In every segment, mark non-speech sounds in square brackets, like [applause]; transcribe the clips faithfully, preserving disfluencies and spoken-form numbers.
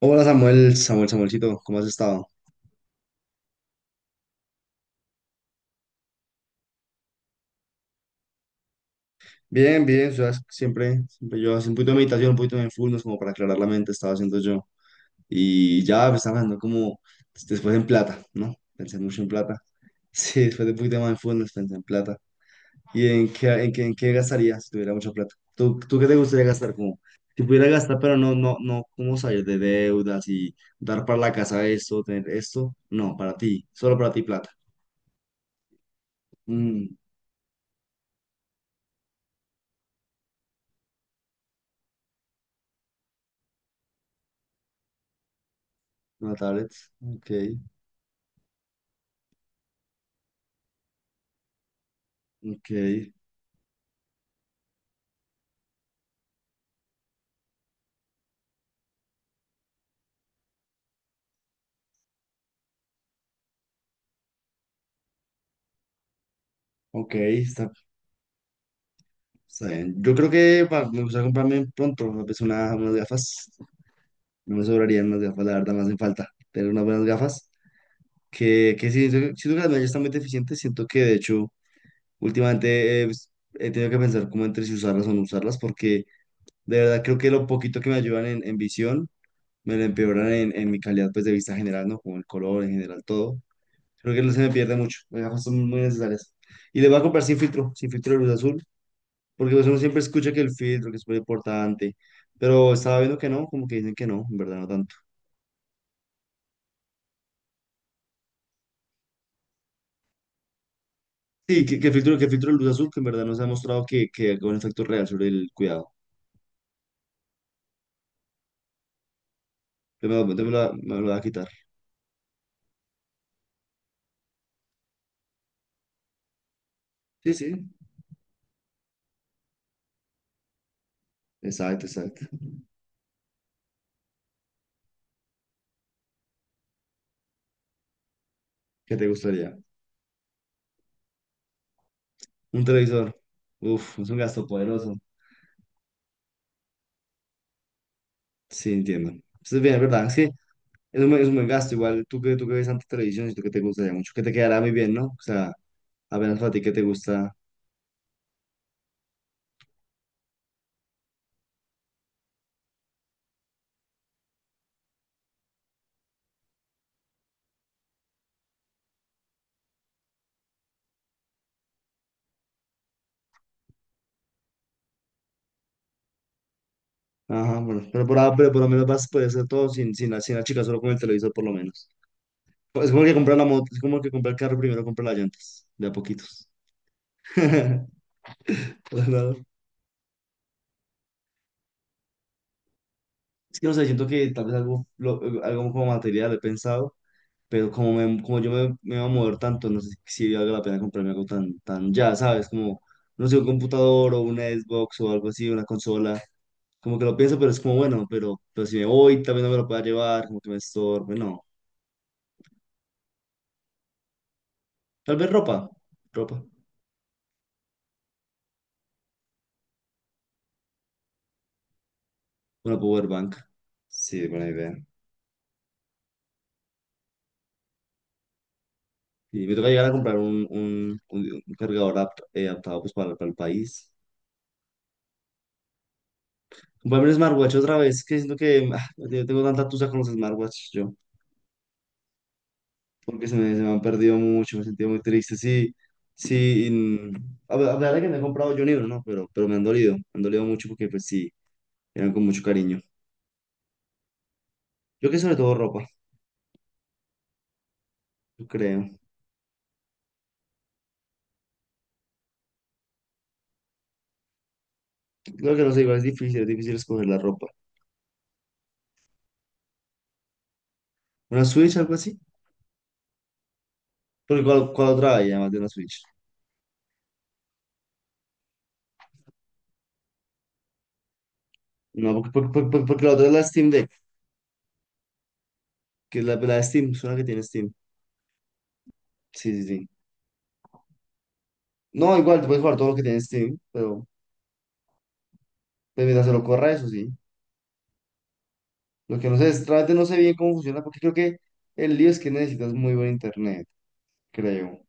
Hola Samuel, Samuel, Samuelcito, ¿cómo has estado? Bien, bien, o siempre, siempre yo hace un poquito de meditación, un poquito de mindfulness como para aclarar la mente, estaba haciendo yo. Y ya pues, estaba hablando como pues, después en plata, ¿no? Pensé mucho en plata. [laughs] Sí, después de un poquito de mindfulness pensé en plata. ¿Y en qué, en qué, en qué gastaría si tuviera mucha plata? ¿Tú, tú qué te gustaría gastar? Como, si pudiera gastar, pero no, no, no, ¿cómo salir de deudas y dar para la casa esto, tener esto? No, para ti, solo para ti plata. Mm, una tablet, ok. Ok, ok, está, está bien. Yo creo que va- me gustaría comprarme pronto tal vez una, unas gafas. No me sobrarían unas gafas, la verdad, me hacen falta tener unas buenas gafas. Que, que sí, siento, siento que las mías ya están muy deficientes. Siento que de hecho, últimamente eh, pues, he tenido que pensar como entre si usarlas o no usarlas, porque de verdad creo que lo poquito que me ayudan en, en visión me lo empeoran en, en mi calidad pues, de vista general, ¿no? Como el color en general, todo. Creo que no se me pierde mucho. Las gafas son muy necesarias. Y le voy a comprar sin filtro, sin filtro de luz azul. Porque pues uno siempre escucha que el filtro, que es muy importante, pero estaba viendo que no, como que dicen que no, en verdad no tanto. Sí, que, que el filtro, que el filtro de luz azul, que en verdad no se ha mostrado que, que haga un efecto real sobre el cuidado. Yo me, lo- yo me lo me lo voy a quitar. Sí, sí, exacto, exacto. ¿Qué te gustaría? Un televisor. Uf, es un gasto poderoso. Sí, entiendo. Entonces, bien, es verdad, es que es un, es un buen gasto. Igual tú que, tú que ves tanta televisión y tú que te gustaría mucho, que te quedará muy bien, ¿no? O sea, apenas para ti que te gusta. Ajá, bueno, pero por, ah, pero por lo menos vas a poder hacer todo sin, sin, la, sin la chica, solo con el televisor por lo menos. Pues es como que comprar la moto, es como que comprar el carro primero, comprar las llantas, de a poquitos. [laughs] Pues nada. Es que no sé, siento que tal vez algo, lo- algo como material he pensado, pero como, me- como yo me, me voy a mover tanto, no sé si valga la pena comprarme algo tan, tan ya, ¿sabes? Como, no sé, un computador o una Xbox o algo así, una consola. Como que lo pienso, pero es como bueno, pero, pero si me voy, tal vez no me lo pueda llevar, como que me estorbe, no. Tal vez ropa. Ropa. Una power bank. Sí, buena idea. Y me toca llegar a comprar un, un, un- un cargador adapt- eh, adaptado pues, para, para el país. Comprarme un smartwatch otra vez, que siento que ah, yo tengo tanta tusa con los smartwatch yo, porque se me, se me han perdido mucho, me he sentido muy triste. Sí, sí, y, mm, a ver, a ver, que me he comprado yo un libro, ¿no? Pero, pero me han dolido, me han dolido mucho porque pues sí, eran con mucho cariño. Yo creo que sobre todo ropa, yo creo. Claro que no sé, igual es difícil, es difícil escoger la ropa. ¿Una Switch, algo así? Porque cuál, cuál otra hay además de la Switch. No, porque, porque, porque, porque la otra es la Steam Deck, que es la, la de Steam, suena que tiene Steam. Sí, sí, sí. No, igual, tú puedes jugar todo lo que tiene Steam, pero pues, mientras se lo corra, eso sí. Lo que no sé es, realmente no sé bien cómo funciona, porque creo que el lío es que necesitas muy buen internet, creo.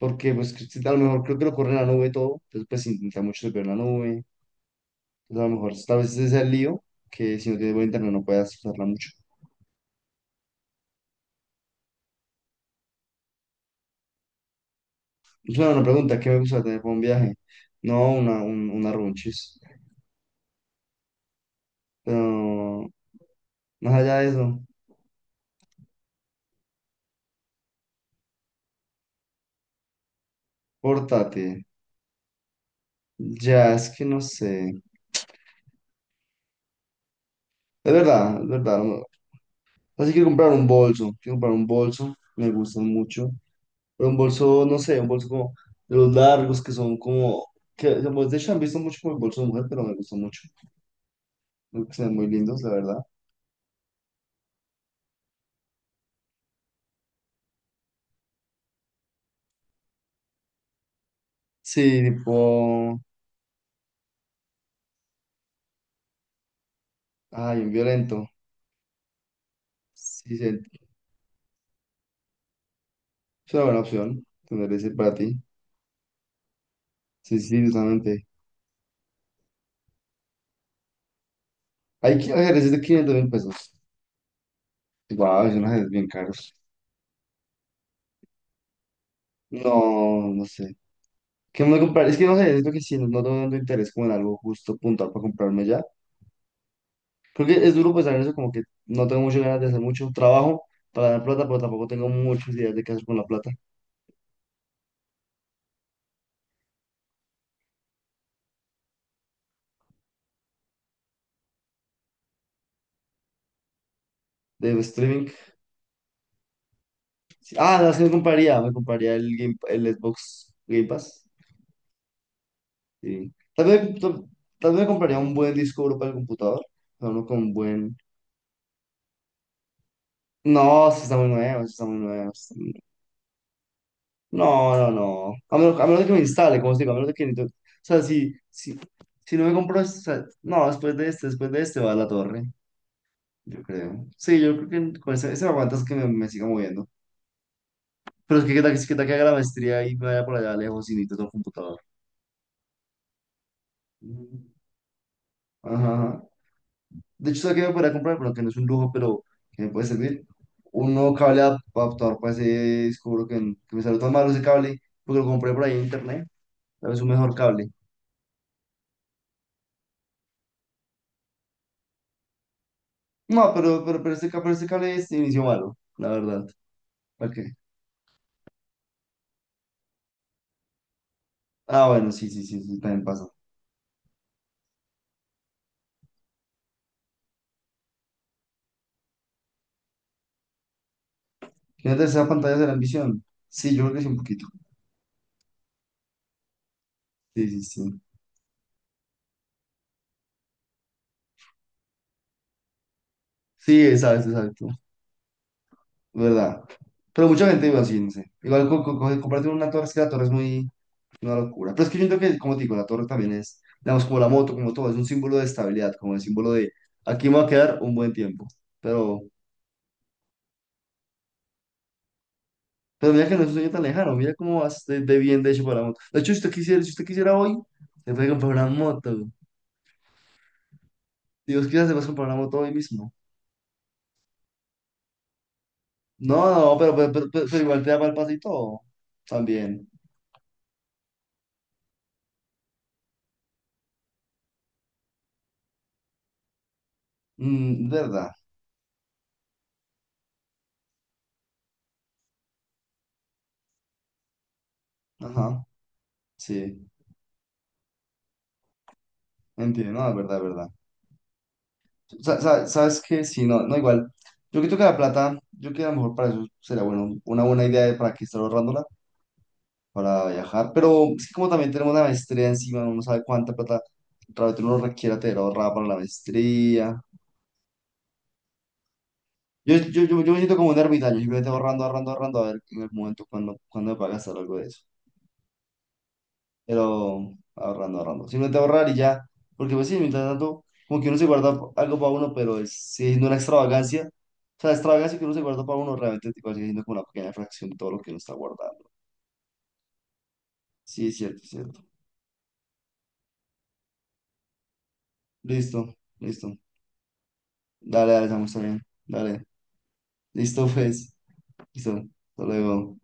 Porque, pues, que si- a lo mejor creo que lo corre en la nube todo, entonces, pues, intenta mucho ver la nube. Entonces, a lo mejor, tal vez ese es el lío, que si no tienes buen internet no puedas usarla mucho. Es una buena pregunta, ¿qué me gusta tener para un viaje? No, una, un, una runchis. Pero más allá de eso, pórtate. Ya, es que no sé. Es verdad, es verdad. no- Así quiero comprar un bolso. Quiero comprar un bolso. Me gustan mucho. Pero un bolso, no sé, un bolso como de los largos que son como. Que, digamos, de hecho, han visto mucho como el bolso de mujer, pero me gustan mucho. Creo que se ven muy lindos, la verdad. Sí, tipo. Ay, un violento. Sí, sí, es una buena opción tener ese para ti. Sí, sí, sí, justamente. Hay que- hay ajedrezes de quinientos mil pesos. Wow, son ajedrez bien caros. No, no sé. ¿Qué me voy a comprar? Es que no sé, es lo que sí, no, no tengo tanto interés como en algo justo puntual para comprarme ya. Creo que es duro pensar en eso, como que no tengo muchas ganas de hacer mucho trabajo para ganar plata, pero tampoco tengo muchas ideas de qué hacer con la plata. De streaming. Sí. Ah, no, es que me compraría, me compraría el, Game, el Xbox Game Pass. Sí. Tal vez, tal, tal vez me compraría un buen disco duro para el computador, pero uno con buen... No, sí está muy nuevo, sí está muy nuevo. Sí. No, no, no. A menos, a menos de que me instale, como os digo, a menos de que... ni to- O sea, si, si, si no me compro... este- o sea, no, después de este, después de este va la torre, yo creo. Sí, yo creo que con ese, ese me aguantas que me, me siga moviendo. Pero es que qué tal, que qué tal que haga la maestría y me vaya por allá lejos y necesito otro computador. Mm, ajá. Ajá. De hecho, ¿sabes qué me podría comprar? Bueno, que no es un lujo, pero que me puede servir. Un nuevo cable adaptador para ese... Descubro que, que me salió tan malo ese cable porque lo compré por ahí en internet. Tal vez un mejor cable. No, pero, pero, pero este, ca- pero este cable es inició malo, la verdad. ¿Para qué? Ah, bueno, sí, sí, sí, sí, también pasa. ¿Tiene tercera pantalla de la ambición? Sí, yo creo que sí, un poquito. Sí, sí, sí. Sí, exacto, exacto. ¿Verdad? Pero mucha gente iba así, no sé. Igual co- co- co- comprarte una torre, es que la torre es muy una locura. Pero es que yo entiendo que, como te digo, la torre también es, digamos, como la moto, como todo, es un símbolo de estabilidad, como el símbolo de aquí me voy a quedar un buen tiempo. Pero. Pero mira que no es un sueño tan lejano, mira cómo vas de, de bien de hecho para la moto. De hecho, si usted quisiera, si usted quisiera hoy, se puede comprar una moto. Dios, quizás se puede comprar una moto hoy mismo. No, no, pero, pero, pero- pero- pero igual te da para el pasito también. Mm, ¿verdad? Ajá, sí, entiendo, no, es verdad, es verdad. Sa- sa- ¿Sabes qué? Sí, no, no, igual. Yo creo que la plata, yo creo que a lo mejor para eso sería bueno, una buena idea de- para que estar ahorrándola para viajar, pero es que como también tenemos una maestría encima, uno no sabe cuánta plata realmente uno requiere tener ahorrada para la maestría. Yo, yo, yo, yo me siento como un ermitaño, simplemente ahorrando, ahorrando, ahorrando, a ver en el momento cuando, cuando me paga gastar algo de eso. Pero ahorrando, ahorrando. Simplemente ahorrar y ya, porque pues sí, mientras tanto, como que uno se guarda algo para uno, pero es, sigue siendo una extravagancia. O sea, la extravagancia que uno se guarda para uno realmente tipo, sigue siendo como una pequeña fracción de todo lo que uno está guardando. Sí, es cierto, es cierto. Listo, listo. Dale, dale, estamos bien. Dale. Listo, pues. Listo. Hasta luego.